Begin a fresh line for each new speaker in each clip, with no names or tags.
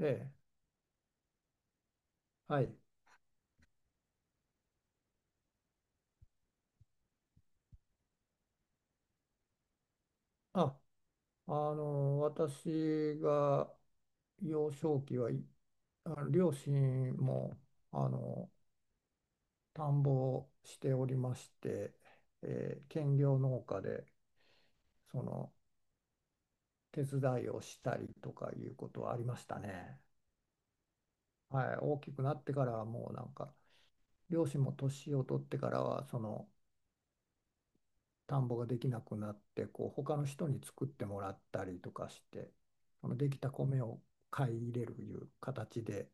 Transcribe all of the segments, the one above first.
ええ、はい。あ、私が幼少期はい、両親も、あの、田んぼをしておりまして、兼業農家で、その、手伝いをしたりとかいうことはありましたね。はい。大きくなってからはもうなんか、両親も年を取ってからは、田んぼができなくなってこう他の人に作ってもらったりとかしてそのできた米を買い入れるいう形で、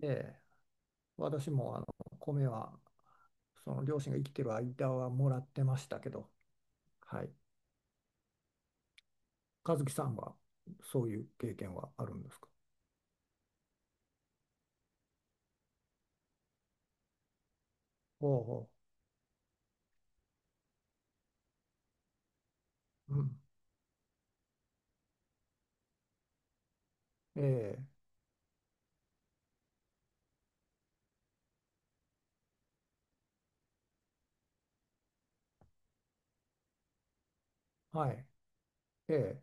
で私も米はその両親が生きてる間はもらってましたけど、はい、和樹さんはそういう経験はあるんですか？おうおう、うん、ええはい、ええ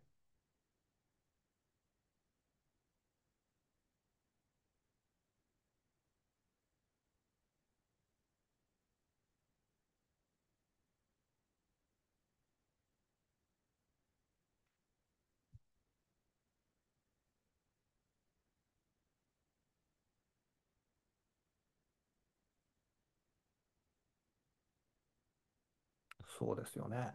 そうですよね。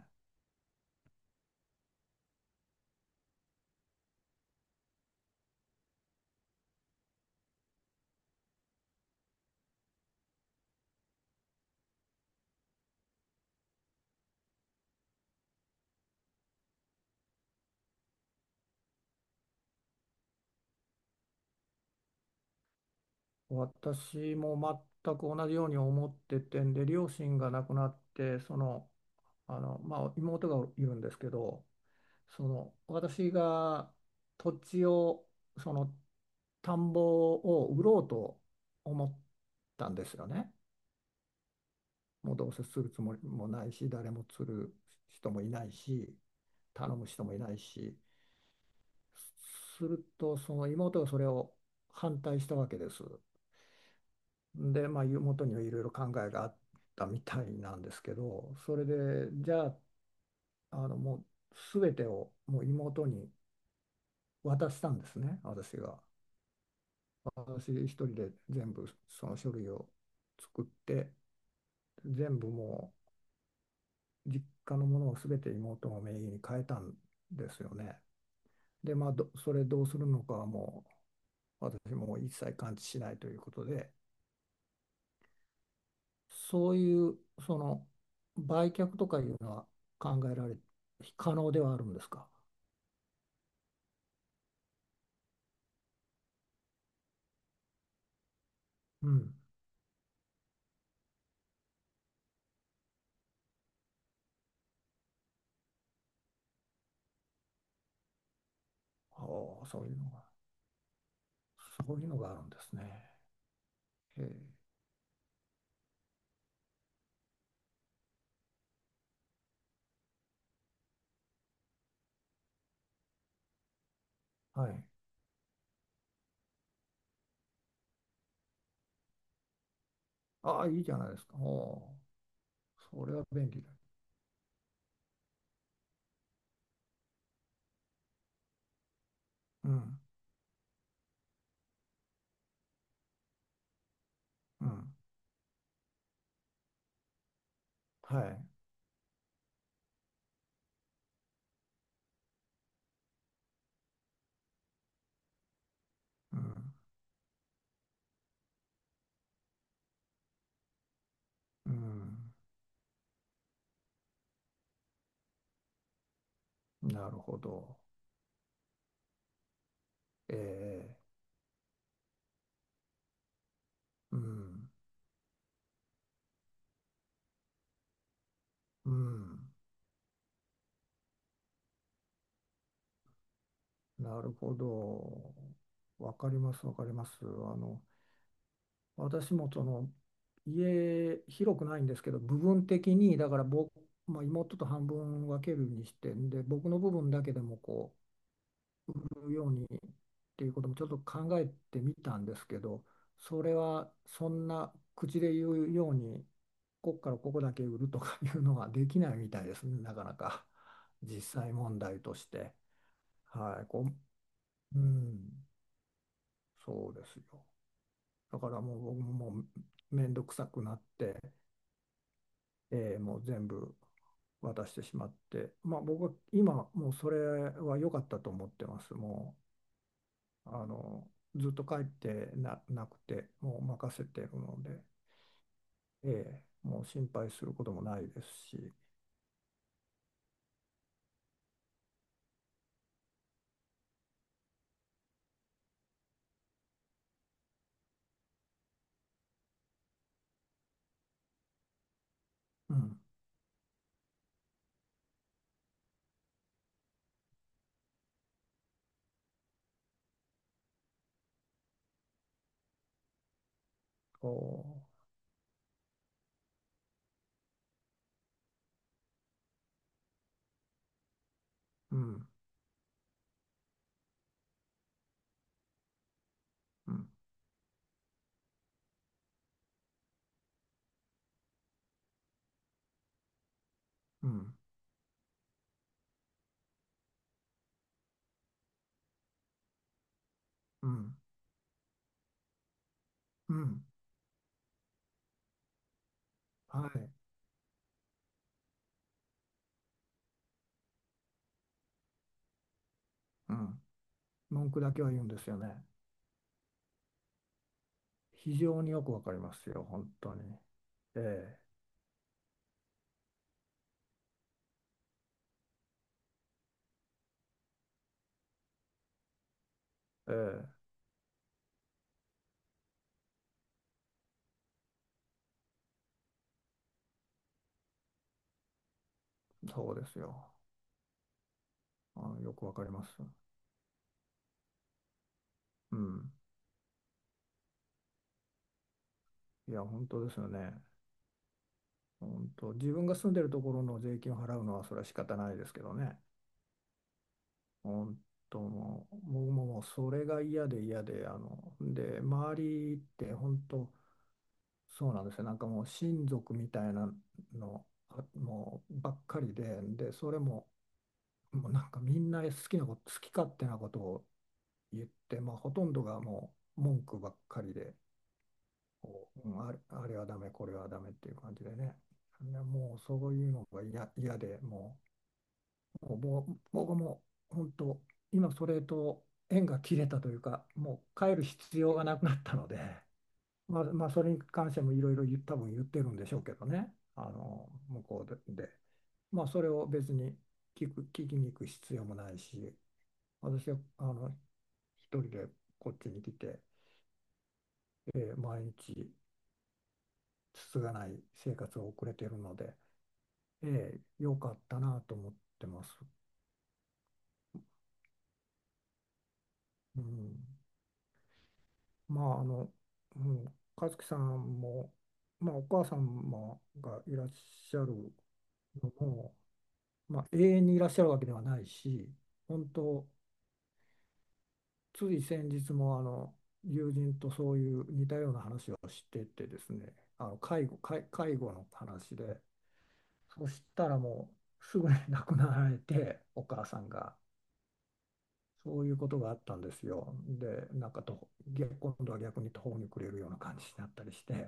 私も全く同じように思っててんで、両親が亡くなって、妹がいるんですけど、私が土地を、その、田んぼを売ろうと思ったんですよね。もうどうせするつもりもないし、誰も釣る人もいないし、頼む人もいないし、すると、その妹がそれを反対したわけです。で、まあ、元にはいろいろ考えがあったみたいなんですけど、それで、じゃあ、もう全てをもう妹に渡したんですね、私が。私一人で全部その書類を作って、全部もう実家のものを全て妹の名義に変えたんですよね。で、まあ、それどうするのかはもう私も一切関知しないということで、そういうその売却とかいうのは考えられ、可能ではあるんですか？うん。ああ、そういうのがあるんですね。へえ、はい。ああ、いいじゃないですか。おお、それは便利だ。うん、うん、はい。うん、うん、なるほど。ええ、うん、うん、なるほど。わかります、わかります。あの、私もその家広くないんですけど部分的にだから僕、まあ、妹と半分分けるにしてんで僕の部分だけでもこう売るようにっていうこともちょっと考えてみたんですけどそれはそんな口で言うようにここからここだけ売るとかいうのはできないみたいですねなかなか 実際問題として。はい、こう、うん、そうですよ。だからもう僕ももう面倒くさくなって。もう全部渡してしまって、まあ、僕は今もうそれは良かったと思ってます。もうずっと帰ってな、なくてもう任せてるので、ええもう心配することもないですし、うん、こう、うん、うん、うん、うん、うん、はい、うん、文句だけは言うんですよね。非常によくわかりますよ、本当に。ええええそうですよ。あの、よくわかります。うんいや、本当ですよね。本当、自分が住んでるところの税金を払うのは、それは仕方ないですけどね。本当、もう、僕ももうそれが嫌で嫌で、あの、で、周りって本当、そうなんですよ。もう親族みたいなの、もうばっかりで、で、それも、もうなんかみんな好き勝手なことを言って、まあ、ほとんどがもう文句ばっかりで、こう、あれはダメ、これはダメっていう感じでね。いやもうそういうのが嫌で、もうぼ僕も本当、今それと縁が切れたというか、もう帰る必要がなくなったので、まあ、まあ、それに関してもいろいろ多分言ってるんでしょうけどね、あの向こうで、でまあ、それを別に聞きに行く必要もないし、私はあの一人でこっちに来て、毎日つつがない生活を送れているので、ええ、良かったなと思ってます。うん、まあ、あの、うん、和樹さんも、まあ、お母様がいらっしゃるのも、まあ、永遠にいらっしゃるわけではないし、本当、つい先日もあの友人とそういう似たような話をしててですね、介護の話で、そしたらもうすぐに亡くなられて、お母さんが。そういうことがあったんですよ。で、なんかと、逆今度は逆に途方に暮れるような感じになったりして、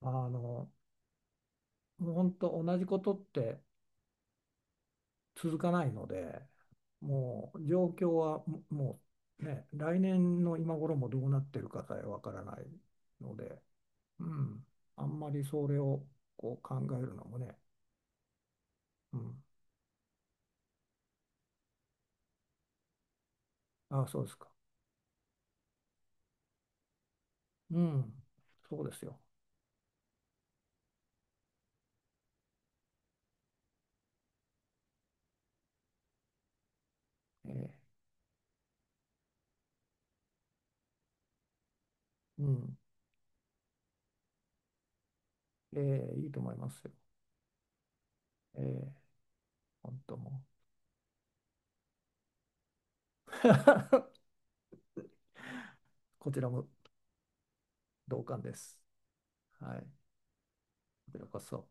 あの、もう本当同じことって続かないので、もう状況はうね、来年の今頃もどうなってるかさえわからないので、うん、あんまりそれをこう考えるのもね、うん、あ、そうですか。うん、そうですよ。ええうん、ええいいと思いますよ。ええ、本当もう。こちらも同感です。はい。こちらこそ。